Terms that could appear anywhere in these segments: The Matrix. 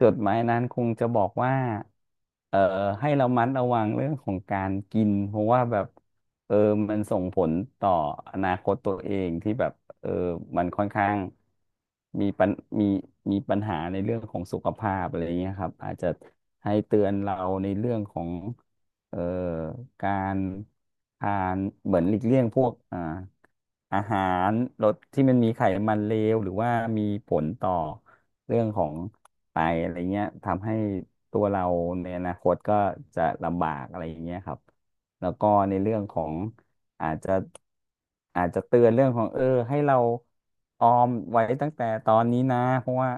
จดหมายนั้นคงจะบอกว่าเอ่อให้เรามัดระวังเรื่องของการกินเพราะว่าแบบเออมันส่งผลต่ออนาคตตัวเองที่แบบเออมันค่อนข้างมีปัญมีมีปัญหาในเรื่องของสุขภาพอะไรเงี้ยครับอาจจะให้เตือนเราในเรื่องของเอ่อการทานเหมือนหลีกเลี่ยงพวกอาหารรสที่มันมีไขมันเลวหรือว่ามีผลต่อเรื่องของไตอะไรเงี้ยทำให้ตัวเราในอนาคตก็จะลำบากอะไรอย่างเงี้ยครับแล้วก็ในเรื่องของ อาจจะอาจจะเตือนเรื่องของให้เราออมไว้ตั้งแต่ตอนนี้นะเพราะว่า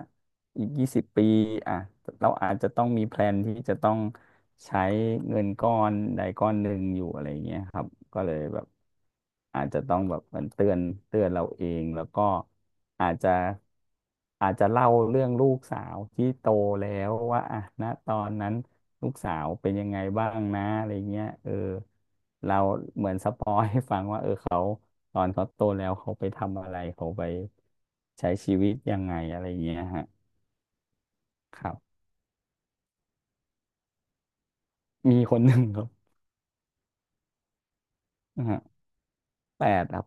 อีก20 ปีอ่ะเราอาจจะต้องมีแพลนที่จะต้องใช้เงินก้อนใดก้อนหนึ่งอยู่อะไรเงี้ยครับก็เลยแบบอาจจะต้องแบบเหมือนเตือนเราเองแล้วก็อาจจะ อาจจะเล่าเรื่องลูกสาวที่โตแล้วว่าอ่ะนะตอนนั้นลูกสาวเป็นยังไงบ้างนะอะไรเงี้ยเออเราเหมือนสปอยให้ฟังว่าเออเขาตอนเขาโตแล้วเขาไปทำอะไรเขาไปใช้ชีวิตยังไงอะไรเงี้ยฮะครับมี1 คนครับอ่าะ8ครับ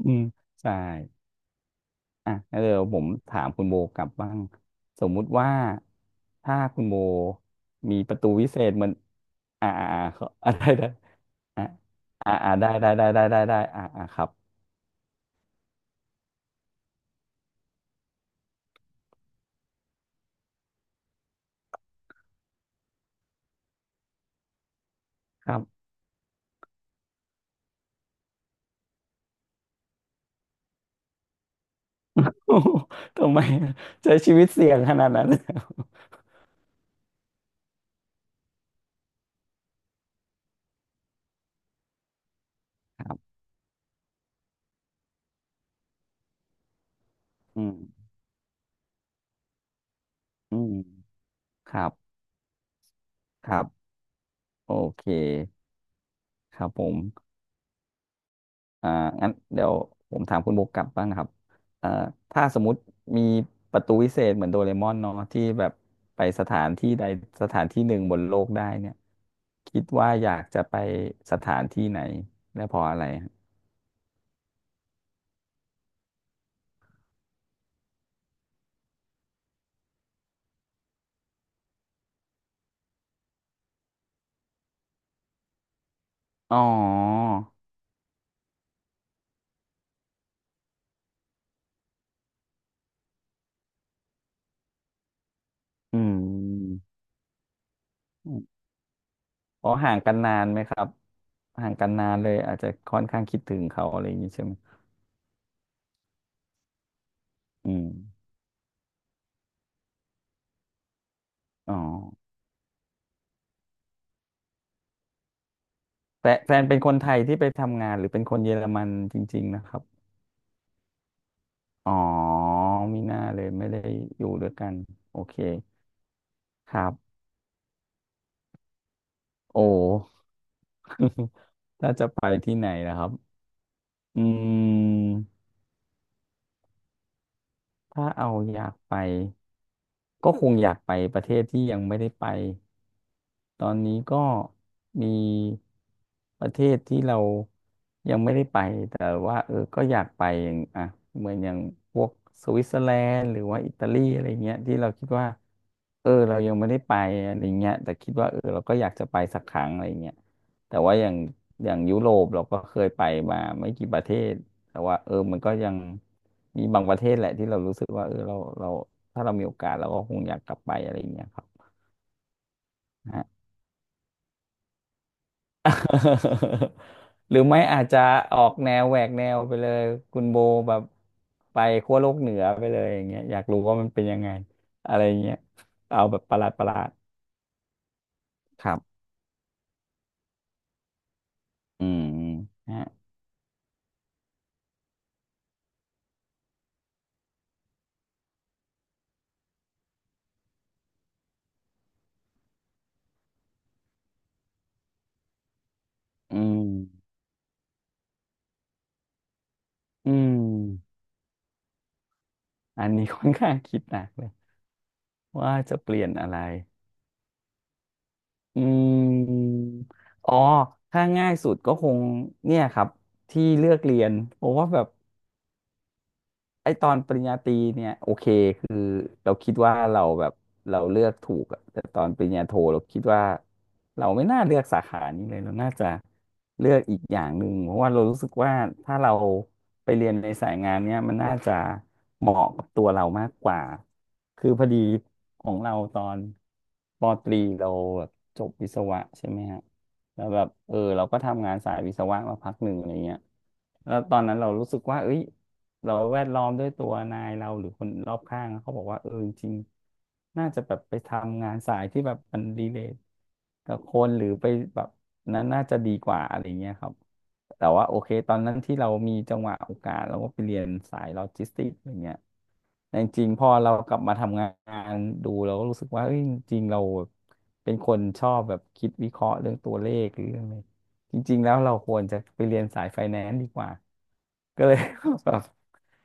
อืมใช่อ่ะเดี๋ยวผมถามคุณโบกลับบ้างสมมุติว่าถ้าคุณโบมีประตูวิเศษเหมันเขาอะไรนะ อ่ะได้ได้ได้ได้ได้ได้ครับ ครับ โอ้โหทำไมใช้ชีวิตเสี่ยงขนาดนั้น ครับอืมอืมครับครับโอเค ครับผมอ่างั้นเดี๋ยวผมถามคุณโบกกลับบ้างนะครับเอ่อถ้าสมมติมีประตูวิเศษเหมือนโดเรมอนเนาะที่แบบไปสถานที่ใดสถานที่หนึ่งบนโลกได้เนี่ย คิดว่าอยากจะไปสถานที่ไหนและเพราะอะไรฮะอ๋อ อืม อ๋อห่างกันนานไหมครับห่างกันนานเลยอาจจะค่อนข้างคิดถึงเขาอะไรอย่างนี้ใช่ไหมอืมอ๋อแต่แฟนเป็นคนไทยที่ไปทำงานหรือเป็นคนเยอรมันจริงๆนะครับอ๋อมีหน้าเลยไม่ได้อยู่ด้วยกันโอเคครับโอ้ ถ้าจะไปที่ไหนนะครับอืมถ้าเอาอยากไปก็คงอยากไปประเทศที่ยังไม่ได้ไป ตอนนี้ก็มีประเทศที่เรายังไม่ได้ไปแต่ว่าเออก็อยากไปอย่างอ่ะเหมือนอย่างพวกสวิตเซอร์แลนด์หรือว่าอิตาลีอะไรเงี้ยที่เราคิดว่าเออเรายังไม่ได้ไปอะไรเงี้ยแต่คิดว่าเออเราก็อยากจะไปสักครั้งอะไรเงี้ยแต่ว่าอย่างยุโรปเราก็เคยไปมาไม่กี่ประเทศแต่ว่าเออมันก็ยังมีบางประเทศแหละที่เรารู้สึกว่าเออเราถ้าเรามีโอกาสเราก็คงอยากกลับไปอะไรเงี้ยครับ หรือไม่อาจจะออกแนวแหวกแนวไปเลยคุณโบแบบไปขั้วโลกเหนือไปเลยอย่างเงี้ยอยากรู้ว่ามันเป็นยังไงอะไรเงี้ยเอาแบบประหลาดประหลาดครับอืมฮะอืมอืมอันนี้ค่อนข้างคิดหนักเลยว่าจะเปลี่ยนอะไรอืมอ๋อถ้าง่ายสุดก็คงเนี่ยครับที่เลือกเรียนผมว่าแบบ ไอตอนปริญญาตรีเนี่ยโอเคคือเราคิดว่าเราแบบเราเลือกถูกอะแต่ตอนปริญญาโทเราคิดว่าเราไม่น่าเลือกสาขานี้เลยเราน่าจะเลือกอีกอย่างหนึ่งเพราะว่าเรารู้สึกว่าถ้าเราไปเรียนในสายงานเนี่ยมันน่าจะเหมาะกับตัวเรามากกว่าคือพอดีของเราตอนปตรีเราแบบจบวิศวะใช่ไหมฮะแล้วแบบเออเราก็ทำงานสายวิศวะมาพักหนึ่งอะไรเงี้ยแล้วตอนนั้นเรารู้สึกว่าเอ้ย เราแวดล้อมด้วยตัวนายเราหรือคนรอบข้างเขาบอกว่าเออจริงๆน่าจะแบบไปทำงานสายที่แบบมันรีเลทกับคนหรือไปแบบนั้นน่าจะดีกว่าอะไรเงี้ยครับแต่ว่าโอเคตอนนั้นที่เรามีจังหวะโอกาสเราก็ไปเรียนสายโลจิสติกส์อะไรเงี้ยแต่จริงๆพอเรากลับมาทำงานดูเราก็รู้สึกว่าเอ้ยจริงๆเราเป็นคนชอบแบบคิดวิเคราะห์เรื่องตัวเลขหรือเรื่องอะไรจริงๆแล้วเราควรจะไปเรียนสายไฟแนนซ์ดีกว่าก็เลย แบบ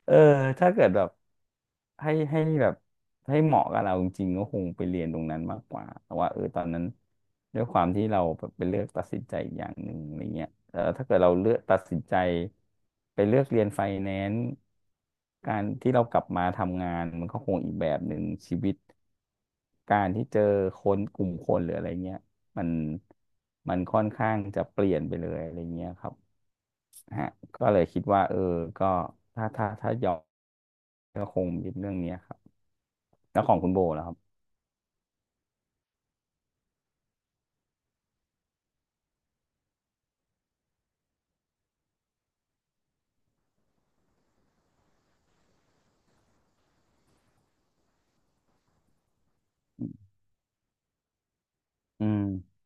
เออถ้าเกิดแบบให้แบบให้เหมาะกับเราจริงๆก็คงไปเรียนตรงนั้นมากกว่าแต่ว่าตอนนั้นด้วยความที่เราแบบไปเลือกตัดสินใจอกอย่างหนึ่งอะไรเงี้ยแต่ถ้าเกิดเราเลือกตัดสินใจไปเลือกเรียนไฟแนนซ์การที่เรากลับมาทำงานมันก็คงอีกแบบหนึ่งชีวิตการที่เจอคนกลุ่มคนหรืออะไรเงี้ยมันมันค่อนข้างจะเปลี่ยนไปเลยอะไรเงี้ยครับฮะก็เลยคิดว่าก็ถ้าย้อ ก็คงเป็นเรื่องเนี้ยครับแล้วของคุณโบแล้วครับอืม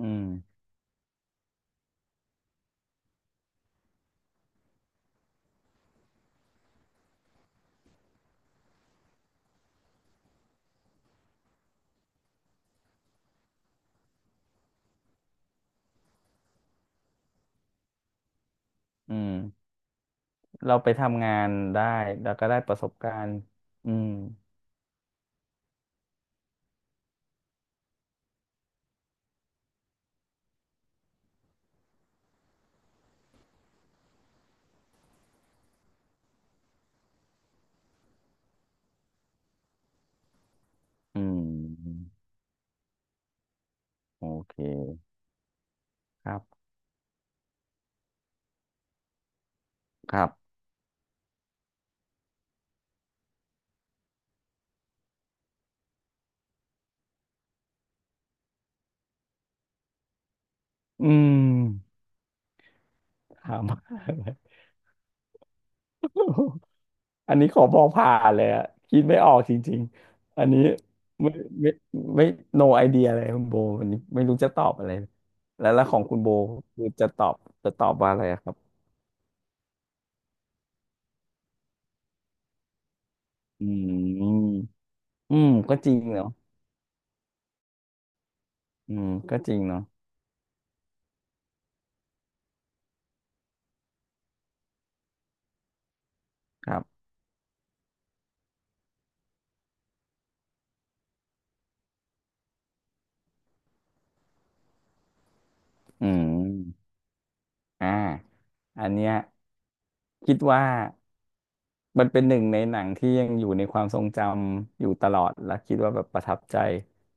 อืมอืมเราไปทำงานได้แล้วก็ได้ประสบการณ์อืมอืมโอเคครับครับอืมถาม อัน นี้ขอบอกผ่านเลยอะคิดไม่ออกจริงๆอันนี้ไม่ไม่ไม่ no idea เลยคุณโบวันนี้ไม่รู้จะตอบอะไรแล้วของคุณโบคือจะตอบจะตอบว่าอะไรอะครับอืมอืมก็จริงเนาะ อืมก็จริงเนาะครับอืมอ่าอันเนี้ยคิดว่า มันเป็นหนึ่งในหนังที่ยังอยู่ในความทรงจำอยู่ตลอดและคิดว่าแบบประทับใจ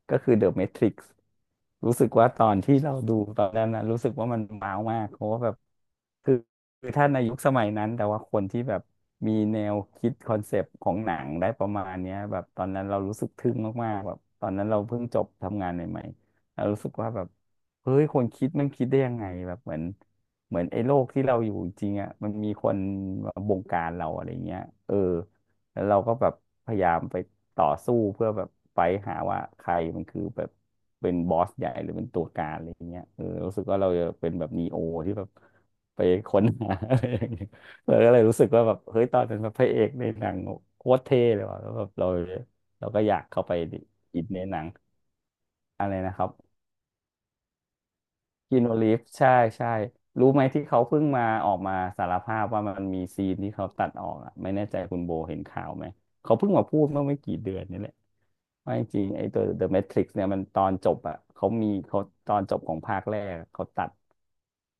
ก็คือ The Matrix รู้สึกว่าตอนที่เราดูตอนนั้นนะรู้สึกว่ามันว้าวมากเพราะว่าแบบคือคือถ้าในยุคสมัยนั้นแต่ว่าคนที่แบบมีแนวคิดคอนเซปต์ของหนังได้ประมาณเนี้ยแบบตอนนั้นเรารู้สึกทึ่งมากๆแบบตอนนั้นเราเพิ่งจบทำงานใหม่ๆเรารู้สึกว่าแบบเฮ้ยคนคิดมันคิดได้ยังไงแบบเหมือนไอ้โลกที่เราอยู่จริงอ่ะมันมีคนมาบงการเราอะไรเงี้ยเออแล้วเราก็แบบพยายามไปต่อสู้เพื่อแบบไปหาว่าใครมันคือแบบเป็นบอสใหญ่หรือเป็นตัวการอะไรเงี้ยรู้สึกว่าเราจะเป็นแบบนีโอที่แบบไปค้นหา อะไรอย่างเงี้ยเราก็เลยรู้สึกว่าแบบเฮ้ยตอนนั้นแบบพระเอกในหนังโคตรเท่เลยว่ะแล้วแบบเราก็อยากเข้าไปอินในหนังอะไรนะครับ คีนูรีฟใช่ใช่รู้ไหมที่เขาเพิ่งมาออกมาสารภาพว่ามันมีซีนที่เขาตัดออกอ่ะไม่แน่ใจคุณโบเห็นข่าวไหมเขาเพิ่งมาพูดเมื่อไม่กี่เดือนนี่แหละว่าจริงๆไอ้ตัว The Matrix เนี่ยมันตอนจบอ่ะเขาตอนจบของภาคแรกอะ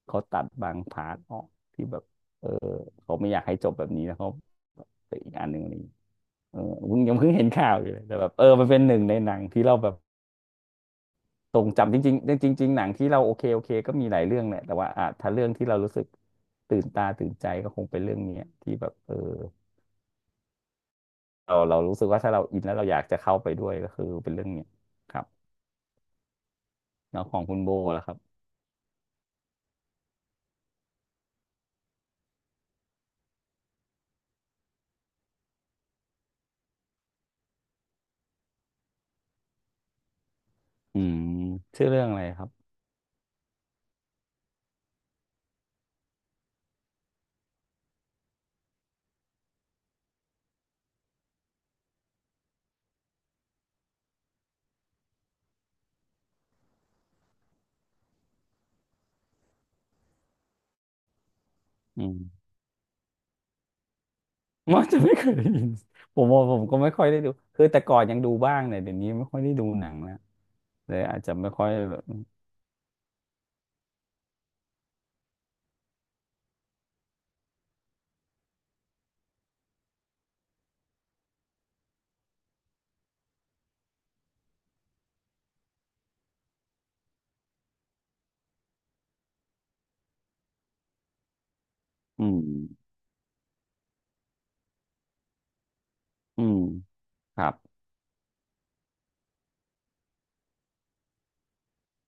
เขาตัดบางพาร์ทออกที่แบบเออเขาไม่อยากให้จบแบบนี้แล้วเขาไปอีกอันหนึ่งอะไรอย่างงี้เออเพิ่งยังเพิ่งเห็นข่าวอยู่เลยแต่แบบมันเป็นหนึ่งในหนังที่เราแบบ ตรงจำจริงๆจริงจริงๆหนังที่เราโอเคโอเคก็มีหลายเรื่องแหละแต่ว่าอ่ะถ้าเรื่องที่เรารู้สึกตื่นตาตื่นใจก็คงเป็นเรื่องเนี้ยที่แบบเรารู้สึกว่าถ้าเราอินแล้วเราอยากจะเข้าไปด้วยก็คือเป็นเรื่องเนี้ยครับแล้วของคุณโบล่ะครับอืมชื่อเรื่องอะไรครับอืมมันจะไม่เคยได้ยินผมว่าผมก็ไม่ค่อยได้ดูคือแต่ก่อนยังดูบ้างเนี่ยเดี๋ยวนี้ไม่ค่อยได้ดูหนังแล้วเลยอาจจะไม่ค่อยอืมอืมครับ